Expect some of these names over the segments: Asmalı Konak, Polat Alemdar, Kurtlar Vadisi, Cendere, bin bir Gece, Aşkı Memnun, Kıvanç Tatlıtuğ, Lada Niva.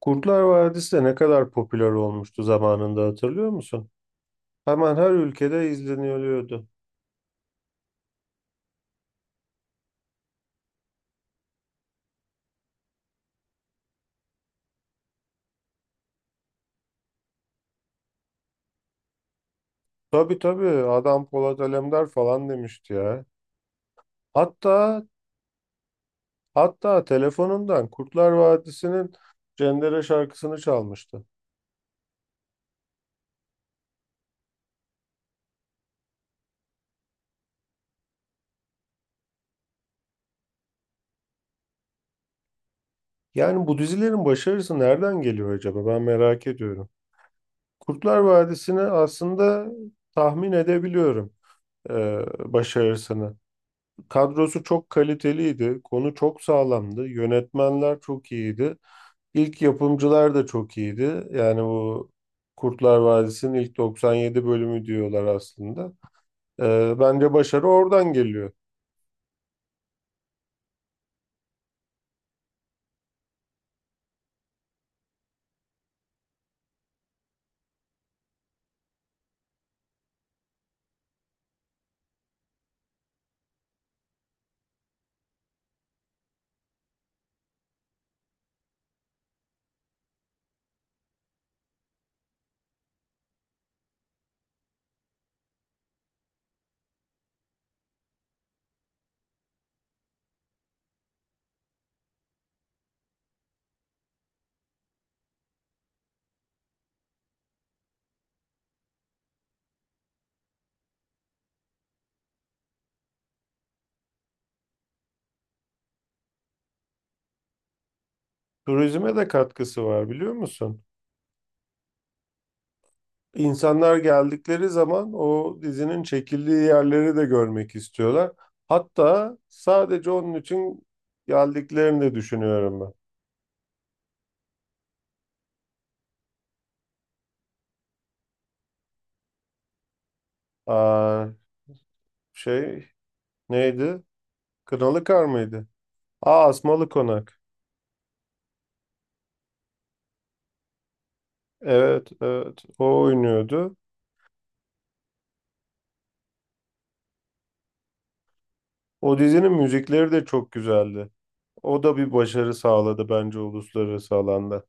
Kurtlar Vadisi de ne kadar popüler olmuştu zamanında hatırlıyor musun? Hemen her ülkede izleniyordu. Tabii, tabii, adam Polat Alemdar falan demişti ya. Hatta hatta telefonundan Kurtlar Vadisi'nin Cendere şarkısını çalmıştı. Yani bu dizilerin başarısı nereden geliyor acaba? Ben merak ediyorum. Kurtlar Vadisi'ni aslında tahmin edebiliyorum başarısını. Kadrosu çok kaliteliydi, konu çok sağlamdı, yönetmenler çok iyiydi. İlk yapımcılar da çok iyiydi. Yani bu Kurtlar Vadisi'nin ilk 97 bölümü diyorlar aslında. Bence başarı oradan geliyor. Turizme de katkısı var, biliyor musun? İnsanlar geldikleri zaman o dizinin çekildiği yerleri de görmek istiyorlar. Hatta sadece onun için geldiklerini de düşünüyorum ben. Aa, şey, neydi? Kınalıkar mıydı? Aa, Asmalı Konak. Evet, evet. O oynuyordu. O dizinin müzikleri de çok güzeldi. O da bir başarı sağladı bence uluslararası alanda.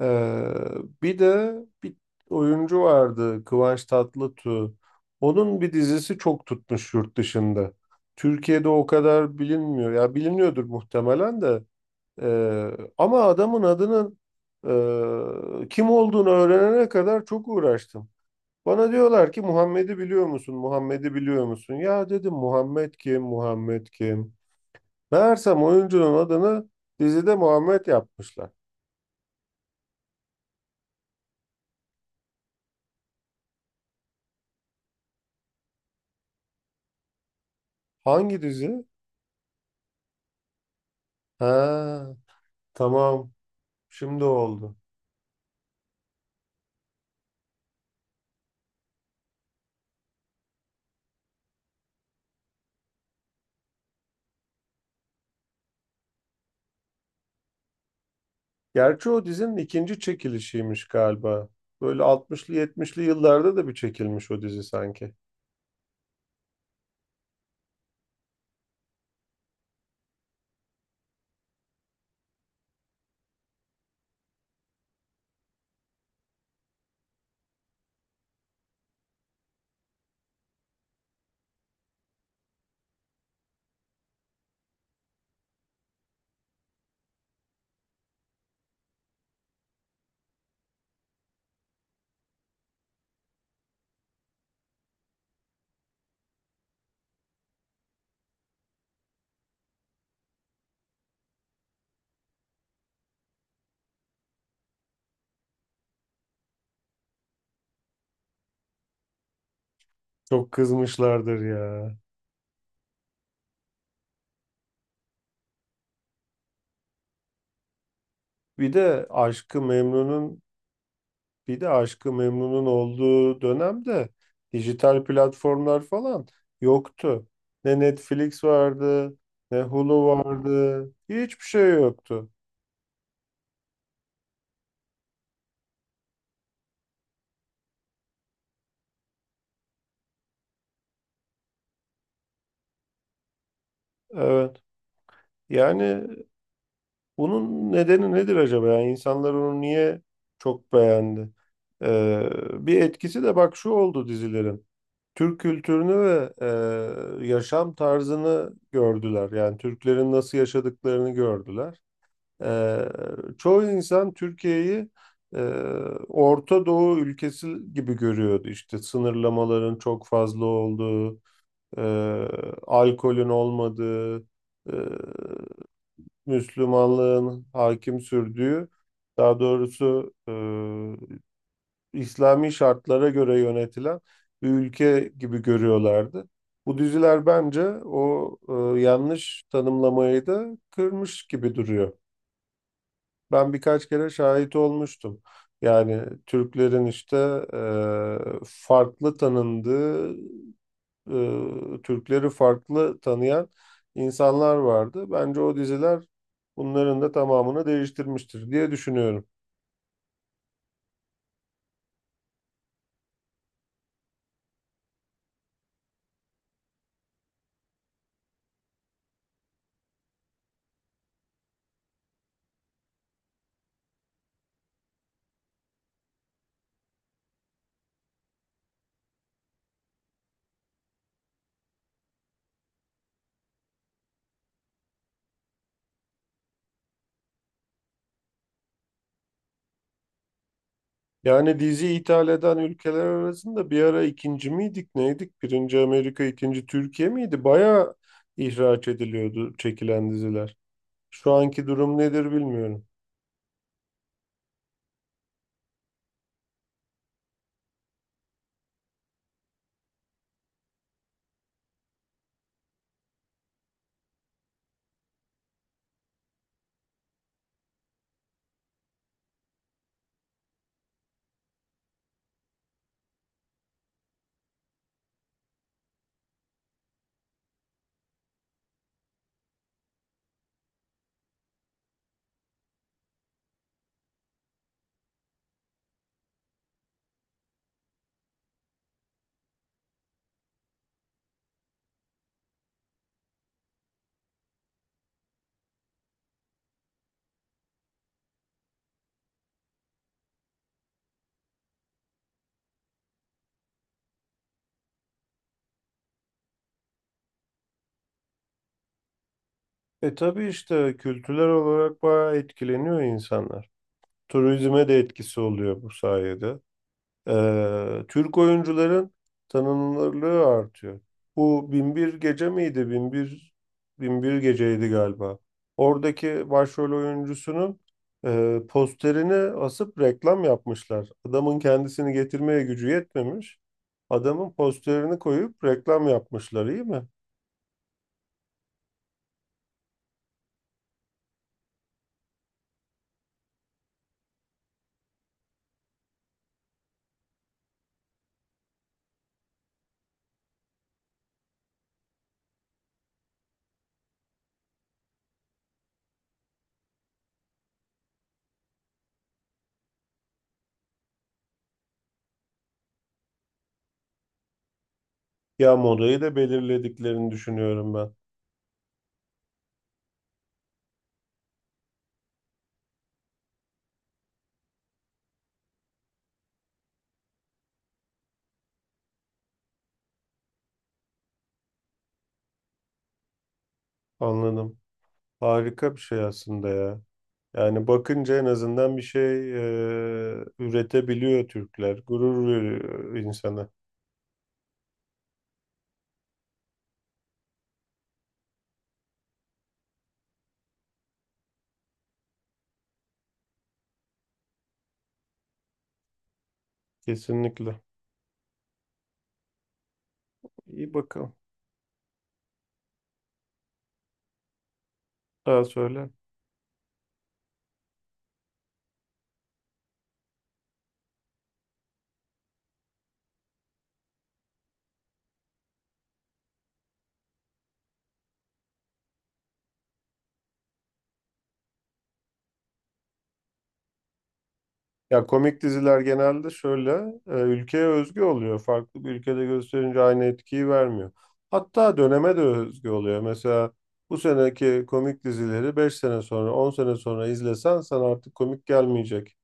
Ee, Bir de bir oyuncu vardı, Kıvanç Tatlıtuğ. Onun bir dizisi çok tutmuş yurt dışında. Türkiye'de o kadar bilinmiyor. Ya biliniyordur muhtemelen de. Ee, Ama adamın adının kim olduğunu öğrenene kadar çok uğraştım. Bana diyorlar ki Muhammed'i biliyor musun? Muhammed'i biliyor musun? Ya dedim, Muhammed kim? Muhammed kim? Meğersem oyuncunun adını dizide Muhammed yapmışlar. Hangi dizi? Ha, tamam. Şimdi oldu. Gerçi o dizinin ikinci çekilişiymiş galiba. Böyle altmışlı, 70'li yıllarda da bir çekilmiş o dizi sanki. Çok kızmışlardır ya. Bir de Aşkı Memnun'un bir de Aşkı Memnun'un olduğu dönemde dijital platformlar falan yoktu. Ne Netflix vardı, ne Hulu vardı. Hiçbir şey yoktu. Evet. Yani bunun nedeni nedir acaba? Yani insanlar onu niye çok beğendi? Ee, Bir etkisi de bak şu oldu dizilerin. Türk kültürünü ve yaşam tarzını gördüler. Yani Türklerin nasıl yaşadıklarını gördüler. Ee, Çoğu insan Türkiye'yi e, Orta Doğu ülkesi gibi görüyordu. İşte sınırlamaların çok fazla olduğu, e, alkolün olmadığı, e, Müslümanlığın hakim sürdüğü, daha doğrusu İslami şartlara göre yönetilen bir ülke gibi görüyorlardı. Bu diziler bence o yanlış tanımlamayı da kırmış gibi duruyor. Ben birkaç kere şahit olmuştum. Yani Türklerin işte farklı tanındığı, Türkleri farklı tanıyan insanlar vardı. Bence o diziler bunların da tamamını değiştirmiştir diye düşünüyorum. Yani dizi ithal eden ülkeler arasında bir ara ikinci miydik, neydik? Birinci Amerika, ikinci Türkiye miydi? Bayağı ihraç ediliyordu çekilen diziler. Şu anki durum nedir bilmiyorum. E tabii işte kültürel olarak bayağı etkileniyor insanlar. Turizme de etkisi oluyor bu sayede. Türk oyuncuların tanınırlığı artıyor. Bu bin bir Gece miydi? Bin bir Gece'ydi galiba. Oradaki başrol oyuncusunun posterini asıp reklam yapmışlar. Adamın kendisini getirmeye gücü yetmemiş. Adamın posterini koyup reklam yapmışlar, iyi mi? Ya modayı da belirlediklerini düşünüyorum ben. Anladım. Harika bir şey aslında ya. Yani bakınca en azından bir şey üretebiliyor Türkler. Gurur veriyor insana. Kesinlikle. İyi bakalım. Daha söyle. Ya komik diziler genelde şöyle ülkeye özgü oluyor. Farklı bir ülkede gösterince aynı etkiyi vermiyor. Hatta döneme de özgü oluyor. Mesela bu seneki komik dizileri 5 sene sonra, 10 sene sonra izlesen sana artık komik gelmeyecek.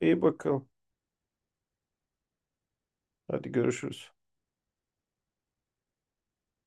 İyi bakalım. Hadi görüşürüz.